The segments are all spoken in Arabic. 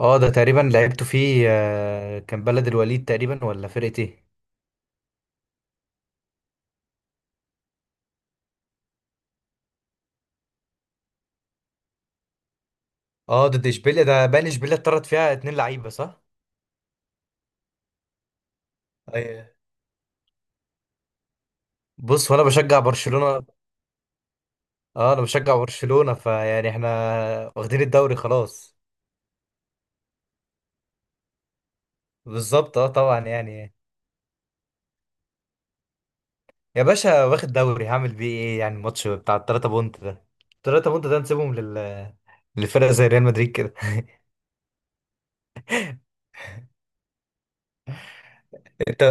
اه ده تقريبا لعبته فيه، كان بلد الوليد تقريبا، ولا فرقة ايه. اه، ضد اشبيليا ده باين، اشبيليا اتطرد فيها اتنين لعيبة صح. أي- بص، وانا بشجع برشلونة. اه، انا بشجع برشلونة، فيعني احنا واخدين الدوري خلاص. بالظبط، اه طبعا يعني. يا باشا، واخد دوري هعمل بيه ايه؟ يعني الماتش بتاع التلاتة بونت ده، التلاتة بونت ده نسيبهم للفرقة زي ريال مدريد كده. انت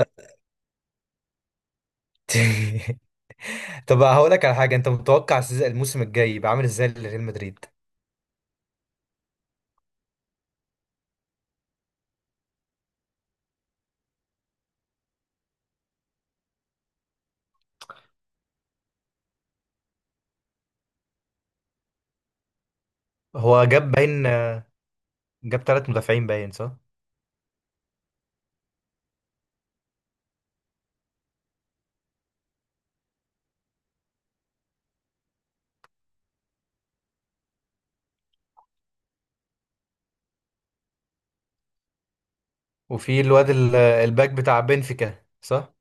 طب هقول لك على حاجة، انت متوقع الموسم الجاي يبقى عامل ازاي لريال مدريد؟ هو جاب باين جاب ثلاث مدافعين باين صح. وفي الواد الباك بتاع بنفيكا صح.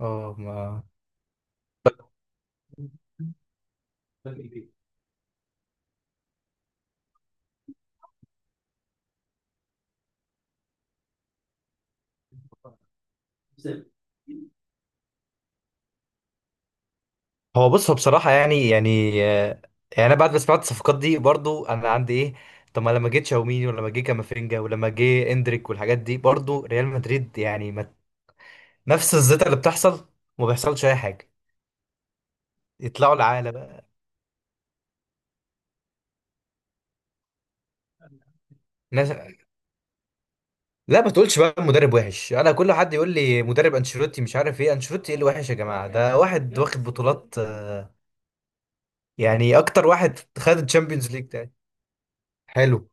اه ما هو بص، هو بصراحة يعني يعني أنا بعد ما سمعت الصفقات دي برضو أنا عندي إيه؟ طب ما لما جه تشاوميني، ولما جه كامافينجا، ولما جه إندريك والحاجات دي، برضو ريال مدريد يعني ما نفس الزيطة اللي بتحصل، ما بيحصلش أي حاجة. يطلعوا العالة بقى. ناس... لا، ما تقولش بقى مدرب وحش. أنا كل حد يقول لي مدرب أنشيلوتي مش عارف إيه، أنشيلوتي إيه اللي وحش يا جماعة؟ ده واحد واخد بطولات. يعني اكتر واحد خد الشامبيونز ليج تاني، حلو.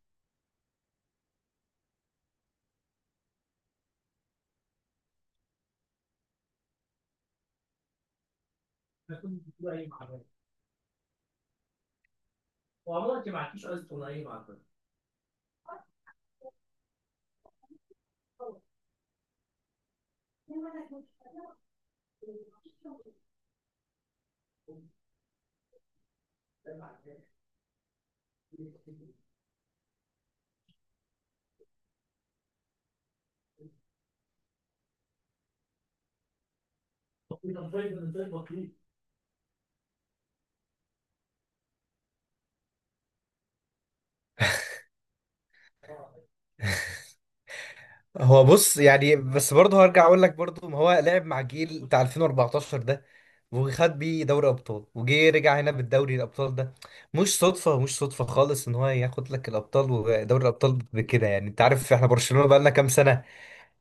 هو بص، يعني بس برضه هرجع اقول لك، برضه ما هو لعب مع جيل بتاع 2014 ده، وخد بيه دوري ابطال، وجي رجع هنا بالدوري الابطال ده. مش صدفه، مش صدفه خالص ان هو ياخد لك الابطال ودوري الابطال بكده. يعني انت عارف احنا برشلونه بقى لنا كام سنه،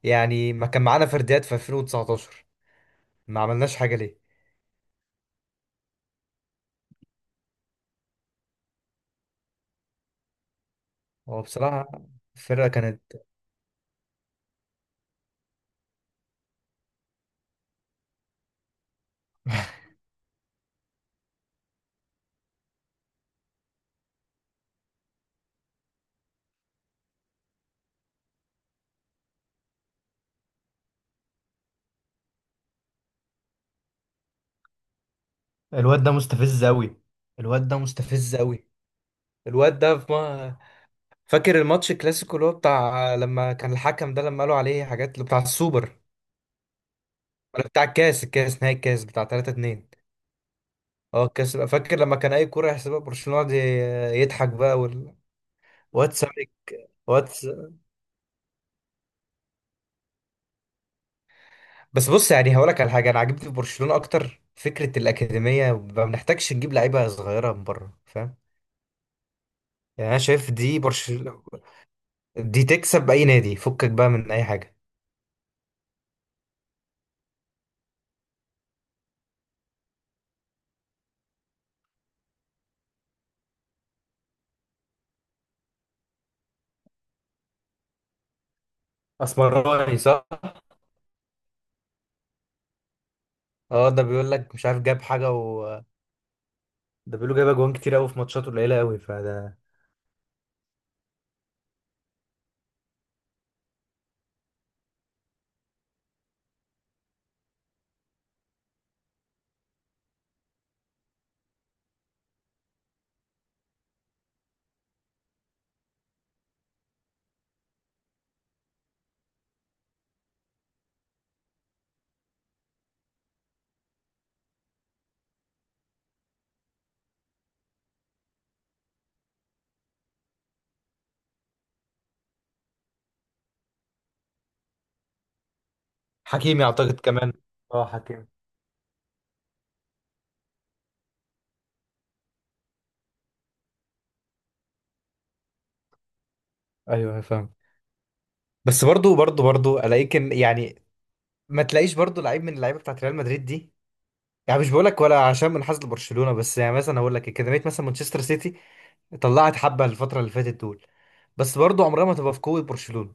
يعني ما كان معانا فرديات في 2019، ما عملناش حاجه ليه؟ هو بصراحه الفرقه كانت. الواد ده مستفز قوي، الواد ده مستفز قوي. الواد ده في فاكر الماتش الكلاسيكو، اللي هو بتاع لما كان الحكم ده لما قالوا عليه حاجات، اللي بتاع السوبر ولا بتاع الكاس بتاع 3-2؟ اه الكاس، فاكر لما كان اي كوره يحسبها برشلونه يقعد يضحك بقى واتس واتس. بس بص، يعني هقول لك على حاجه، انا عجبتني في برشلونه اكتر فكره الاكاديميه. ما بنحتاجش نجيب لعيبه صغيره من بره، فاهم؟ يعني انا شايف دي برشلونه، دي تكسب اي نادي فكك بقى من اي حاجه. اسمراني صح. اه ده بيقول لك مش عارف جاب حاجه، ده بيقولوا جايب اجوان كتير قوي في ماتشات قليله قوي فده. حكيمي اعتقد كمان. اه حكيم. ايوه فاهم. بس برضو الاقيك يعني ما تلاقيش برضو لعيب من اللعيبه بتاعت ريال مدريد دي. يعني مش بقولك ولا عشان منحاز لبرشلونه، بس يعني مثلا اقول لك اكاديميه مثلا مانشستر سيتي، طلعت حبه الفتره اللي فاتت دول، بس برضو عمرها ما تبقى في قوه برشلونه.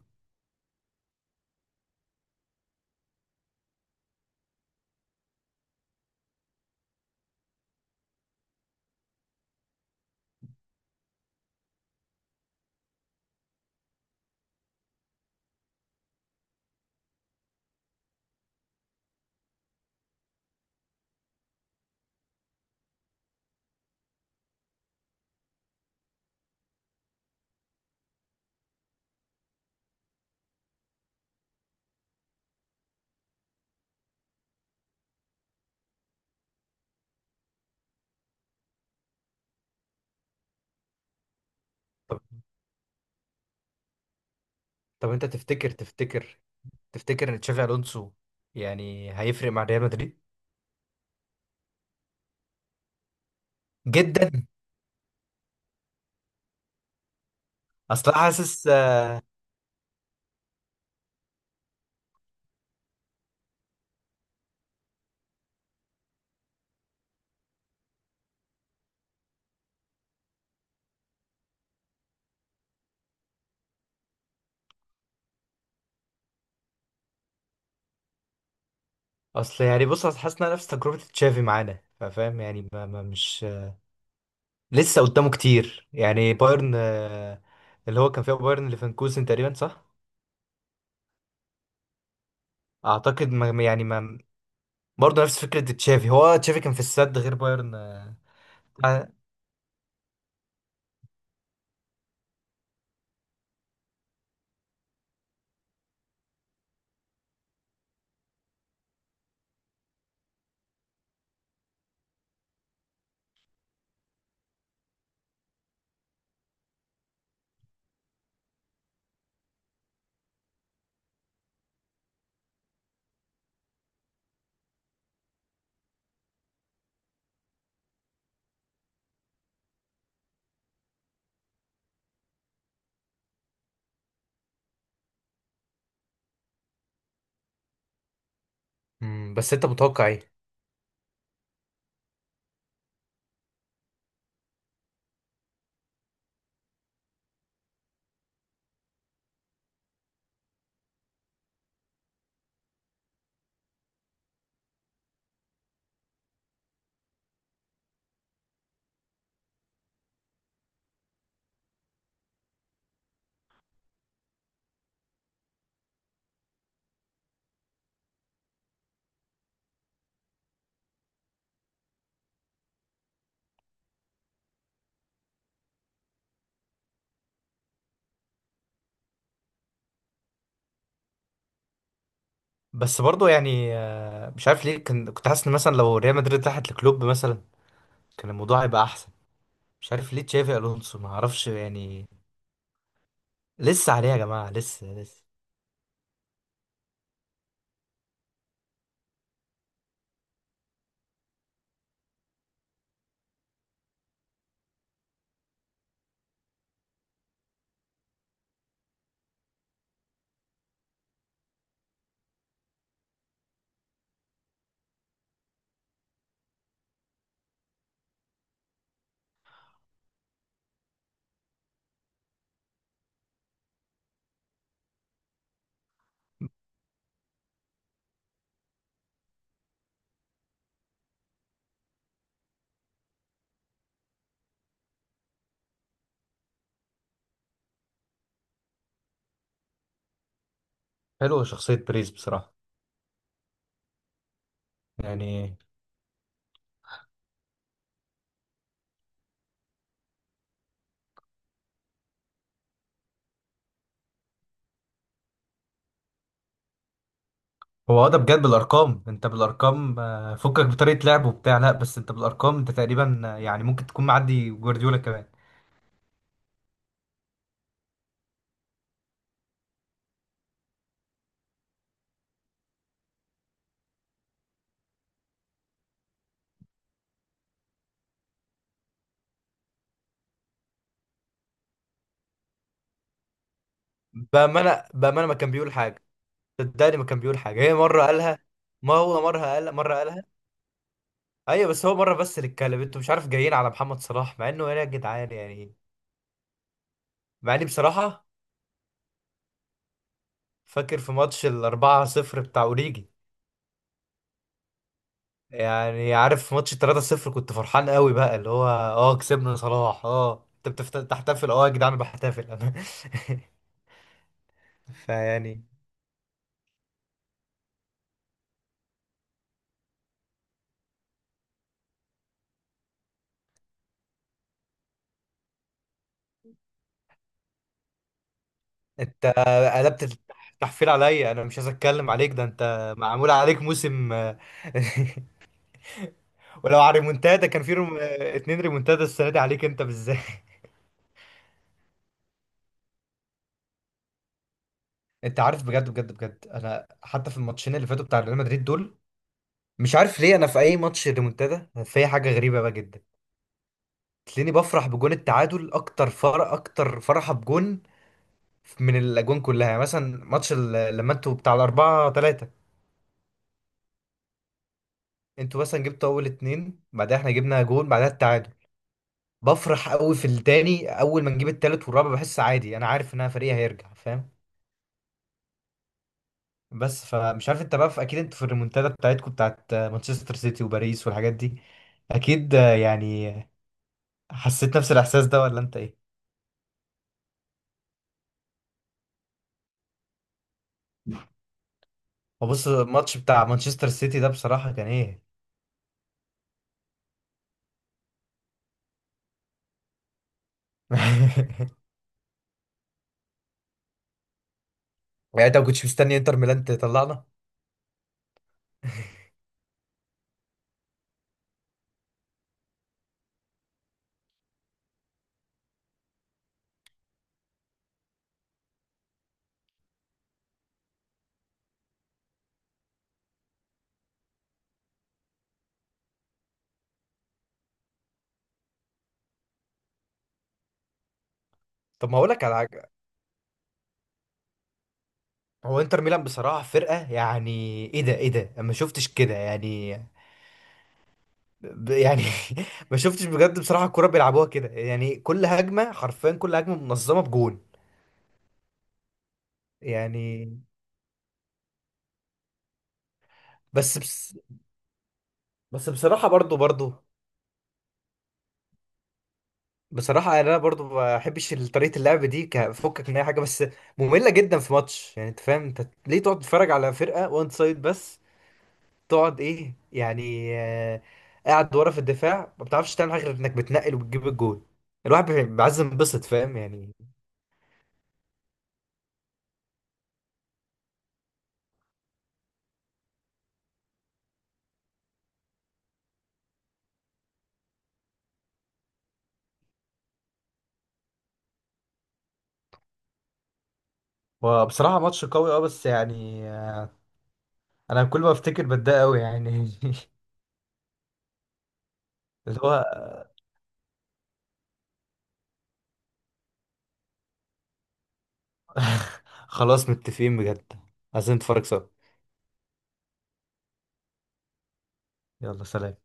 طب طب انت تفتكر ان تشافي الونسو يعني هيفرق مع ريال مدريد؟ جدا. اصل أنا حاسس، اصل يعني بص، أصل حاسس انها نفس تجربه تشافي معانا، فاهم؟ يعني ما ما مش لسه قدامه كتير. يعني بايرن، اللي هو كان فيها بايرن ليفركوزن تقريبا صح. اعتقد ما برضه نفس فكره تشافي. هو تشافي كان في السد، غير بايرن. آه، مم، بس انت متوقع ايه؟ بس برضه يعني مش عارف ليه، كان كنت حاسس ان مثلا لو ريال مدريد راحت لكلوب مثلا كان الموضوع هيبقى احسن. مش عارف ليه تشافي الونسو، ما اعرفش يعني. لسه عليه يا جماعه، لسه لسه. حلوه شخصيه بريز بصراحه. يعني هو، اه ده بجد بالارقام، انت بالارقام فكك بطريقه لعب وبتاع، لا بس انت بالارقام انت تقريبا يعني ممكن تكون معدي جوارديولا كمان. بامانه بامانه ما كان بيقول حاجه، صدقني ما كان بيقول حاجه، هي مره قالها. ما هو مره قال، مره قالها. ايوه بس هو مره، بس اللي اتكلم انتوا مش عارف جايين على محمد صلاح، مع انه ايه يا جدعان يعني؟ مع اني بصراحه فاكر في ماتش ال 4-0 بتاع اوريجي. يعني عارف في ماتش 3-0 كنت فرحان قوي بقى، اللي هو اه كسبنا صلاح. اه انت بتحتفل، اه يا جدعان، بحتفل انا فيعني انت قلبت التحفيل عليا، انا مش عايز اتكلم عليك، ده انت معمول عليك موسم ولو على ريمونتادا كان في اتنين ريمونتادا السنه دي عليك انت بالذات انت عارف، بجد بجد بجد، انا حتى في الماتشين اللي فاتوا بتاع ريال مدريد دول مش عارف ليه، انا في اي ماتش ريمونتادا في حاجه غريبه بقى جدا، تلاقيني بفرح بجون التعادل اكتر اكتر فرحه بجون من الاجوان كلها. يعني مثلا ماتش لما انتوا بتاع 4-3، انتوا مثلا جبتوا اول اتنين، بعدها احنا جبنا جون، بعدها التعادل، بفرح قوي في التاني. اول ما نجيب التالت والرابع بحس عادي، انا عارف ان انا فريقي هيرجع، فاهم؟ بس فمش عارف انت بقى اكيد انتوا في الريمونتادا بتاعتكم بتاعت مانشستر سيتي وباريس والحاجات دي، اكيد يعني حسيت نفس الاحساس ده ولا انت ايه؟ هو بص، الماتش بتاع مانشستر سيتي ده بصراحة كان ايه يعني انت ما كنتش مستني انتر ميلان تطلعنا. طب ما هقول لك على حاجة، هو انتر ميلان بصراحة فرقة يعني ايه ده، ايه ده، أنا ما شفتش كده. يعني يعني ما شفتش بجد، بصراحة الكرة بيلعبوها كده يعني كل هجمة حرفيا، كل هجمة منظمة بجون، يعني. بس بس, بس بصراحة برضو بصراحة يعني انا برضو ما بحبش طريقة اللعب دي، كفكك من اي حاجة، بس مملة جدا. في ماتش يعني انت فاهم انت ليه تقعد تتفرج على فرقة وان سايد بس؟ تقعد ايه يعني، آه قاعد ورا في الدفاع، ما بتعرفش تعمل حاجة غير انك بتنقل وبتجيب الجون. الواحد بيبقى عايز ينبسط، فاهم يعني. وبصراحة ماتش قوي، اه بس يعني انا كل ما افتكر بتضايق قوي يعني اللي هو خلاص متفقين بجد، عايزين نتفرج سوا. يلا سلام.